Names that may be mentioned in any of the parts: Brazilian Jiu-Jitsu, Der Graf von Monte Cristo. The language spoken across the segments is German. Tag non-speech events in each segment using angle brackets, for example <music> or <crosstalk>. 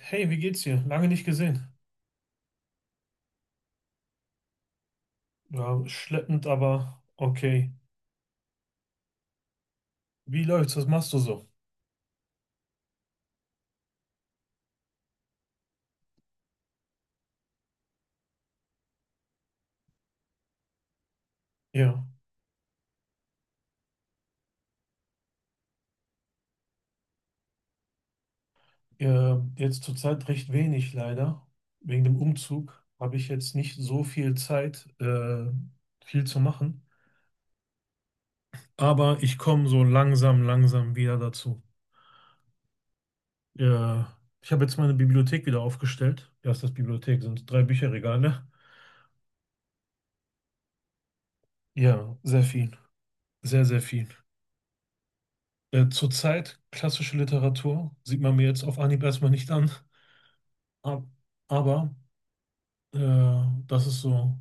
Hey, wie geht's dir? Lange nicht gesehen. Ja, schleppend, aber okay. Wie läuft's? Was machst du so? Ja, Jetzt zurzeit recht wenig leider. Wegen dem Umzug habe ich jetzt nicht so viel Zeit, viel zu machen. Aber ich komme so langsam wieder dazu. Äh, Ich habe jetzt meine Bibliothek wieder aufgestellt. Ja, ist das Bibliothek, sind drei Bücherregale, ne? Ja, sehr viel. Sehr, sehr viel. Zurzeit klassische Literatur, sieht man mir jetzt auf Anhieb erstmal nicht an. Ab- Aber äh, das ist so,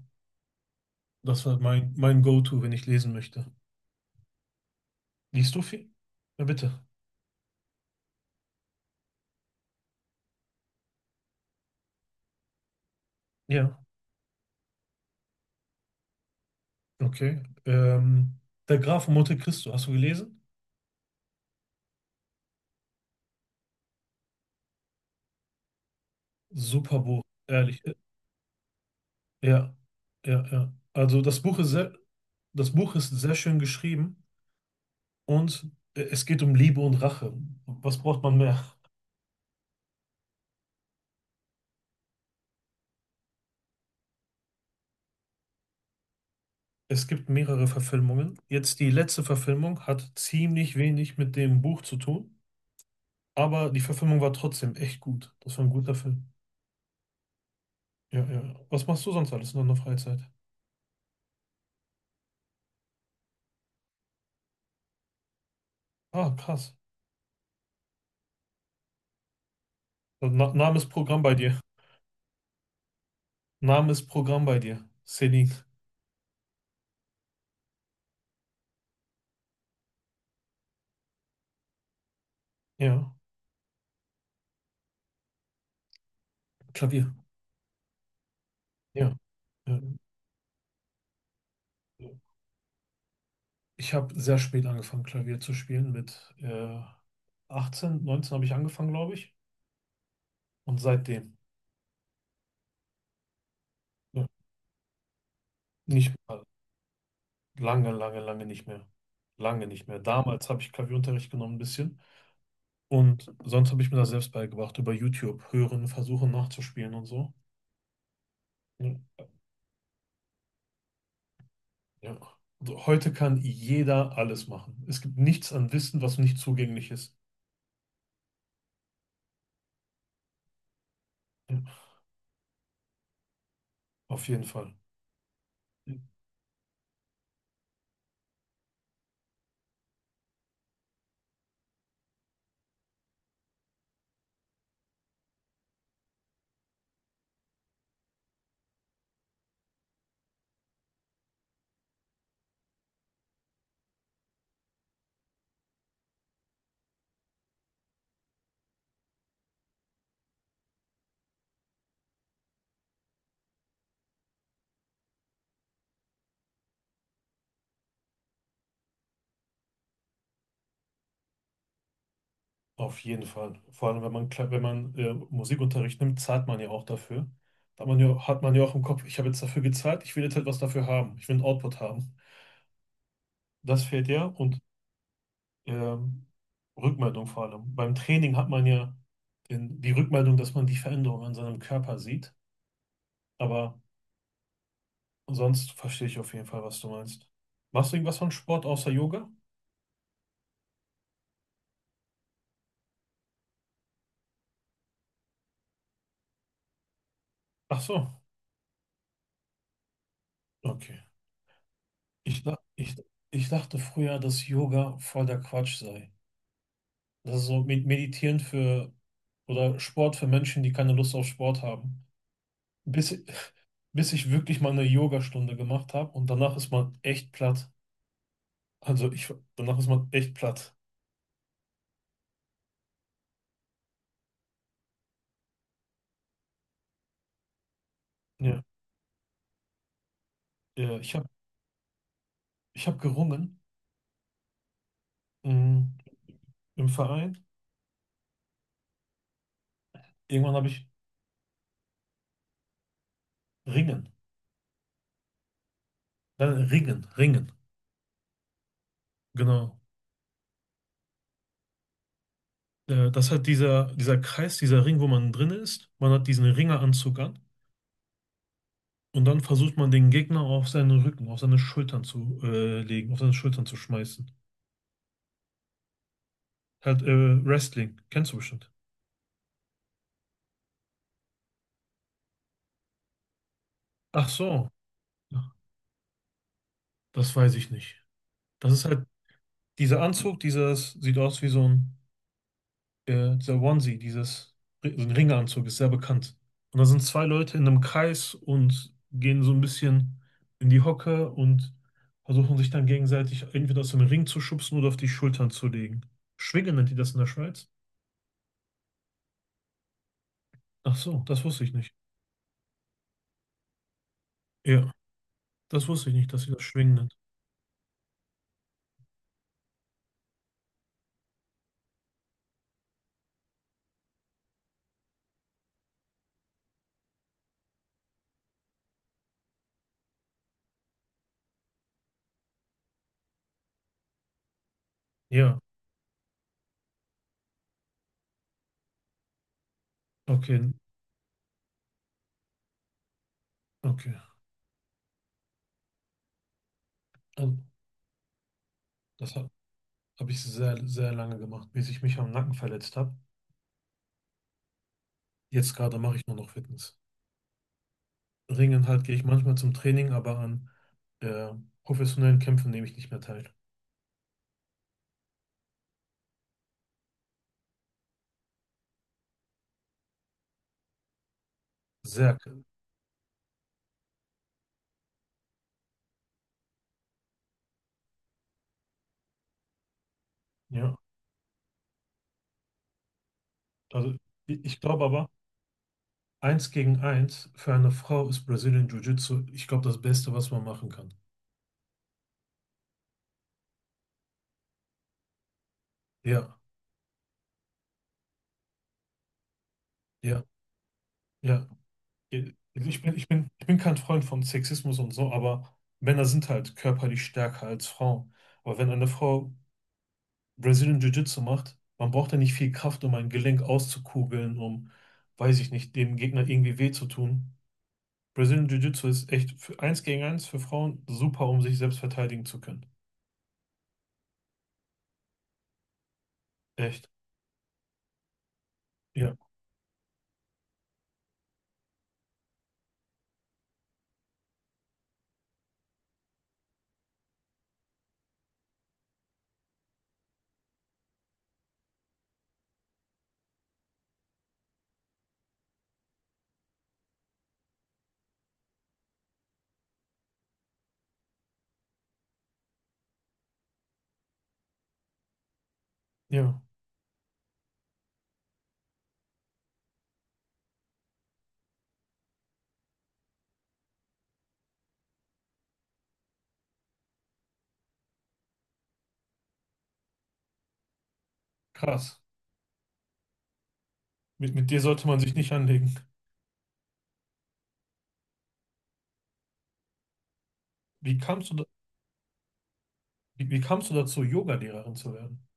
das war mein Go-To, wenn ich lesen möchte. Liest du viel? Ja, bitte. Ja, okay. Der Graf von Monte Cristo, hast du gelesen? Super Buch, ehrlich. Ja, ja, ja. Also das Buch ist sehr, das Buch ist sehr schön geschrieben, und es geht um Liebe und Rache. Was braucht man mehr? Es gibt mehrere Verfilmungen. Jetzt die letzte Verfilmung hat ziemlich wenig mit dem Buch zu tun. Aber die Verfilmung war trotzdem echt gut. Das war ein guter Film. Ja, ja, ja. Was machst du sonst alles in deiner Freizeit? Ah, krass. So, na, Name ist Programm bei dir. Name ist Programm bei dir. Selin. Ja. Klavier. Ja, ja. Ich habe sehr spät angefangen, Klavier zu spielen. Mit 18, 19 habe ich angefangen, glaube ich. Und seitdem. Ja. Nicht mal. Lange, lange, lange nicht mehr. Lange nicht mehr. Damals habe ich Klavierunterricht genommen, ein bisschen. Und sonst habe ich mir das selbst beigebracht, über YouTube hören, versuchen nachzuspielen und so. Ja. Ja. Also heute kann jeder alles machen. Es gibt nichts an Wissen, was nicht zugänglich ist. Ja. Auf jeden Fall. Ja. Auf jeden Fall. Vor allem, wenn man, wenn man Musikunterricht nimmt, zahlt man ja auch dafür. Da hat man ja auch im Kopf, ich habe jetzt dafür gezahlt, ich will jetzt etwas dafür haben. Ich will einen Output haben. Das fehlt ja. Und ähm, Rückmeldung vor allem. Beim Training hat man ja den, die Rückmeldung, dass man die Veränderung an seinem Körper sieht. Aber sonst verstehe ich auf jeden Fall, was du meinst. Machst du irgendwas von Sport außer Yoga? Ach so, okay. Ich, dach- ich, Ich dachte früher, dass Yoga voll der Quatsch sei. Das ist so mit Meditieren für oder Sport für Menschen, die keine Lust auf Sport haben. Bis, <laughs> bis ich wirklich mal eine Yogastunde gemacht habe und danach ist man echt platt. Also ich, danach ist man echt platt. Ja. Ja, ich hab gerungen, mm, im Verein. Irgendwann habe ich Ringen. Dann Ringen, Ringen. Genau. Das hat dieser Kreis, dieser Ring, wo man drin ist. Man hat diesen Ringeranzug an. Und dann versucht man den Gegner auf seinen Rücken, auf seine Schultern zu legen, auf seine Schultern zu schmeißen. Halt Wrestling, kennst du bestimmt. Ach so, ja, das weiß ich nicht. Das ist halt dieser Anzug, dieses sieht aus wie so ein dieser Onesie, dieses, so ein Ringanzug, ist sehr bekannt. Und da sind zwei Leute in einem Kreis und gehen so ein bisschen in die Hocke und versuchen sich dann gegenseitig entweder aus dem Ring zu schubsen oder auf die Schultern zu legen. Schwingen nennt ihr das in der Schweiz? Ach so, das wusste ich nicht. Ja, das wusste ich nicht, dass ihr das Schwingen nennt. Ja, okay, okay. Also, das hab ich sehr, sehr lange gemacht, bis ich mich am Nacken verletzt habe. Jetzt gerade mache ich nur noch Fitness. Ringen halt gehe ich manchmal zum Training, aber an äh, professionellen Kämpfen nehme ich nicht mehr teil. Sehr, ja. Also ich glaube aber, eins gegen eins für eine Frau ist Brazilian Jiu-Jitsu, ich glaube, das Beste, was man machen kann. Ja, ja, ja. Ich bin kein Freund von Sexismus und so, aber Männer sind halt körperlich stärker als Frauen. Aber wenn eine Frau Brazilian Jiu-Jitsu macht, man braucht ja nicht viel Kraft, um ein Gelenk auszukugeln, um, weiß ich nicht, dem Gegner irgendwie weh zu tun. Brazilian Jiu-Jitsu ist echt für eins gegen eins für Frauen super, um sich selbst verteidigen zu können. Echt. Ja, ja, krass. Mit dir sollte man sich nicht anlegen. Wie kamst du, da, Wie, wie kamst du dazu, Yoga-Lehrerin zu werden?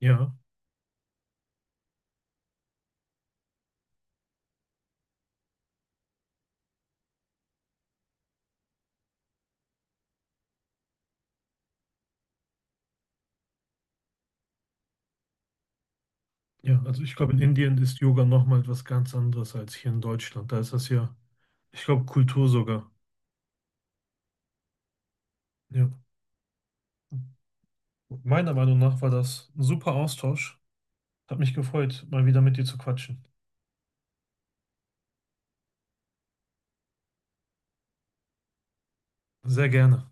Ja, ja, also ich glaube, in Indien ist Yoga nochmal etwas ganz anderes als hier in Deutschland. Da ist das ja, ich glaube, Kultur sogar. Ja. Meiner Meinung nach war das ein super Austausch. Hat mich gefreut, mal wieder mit dir zu quatschen. Sehr gerne.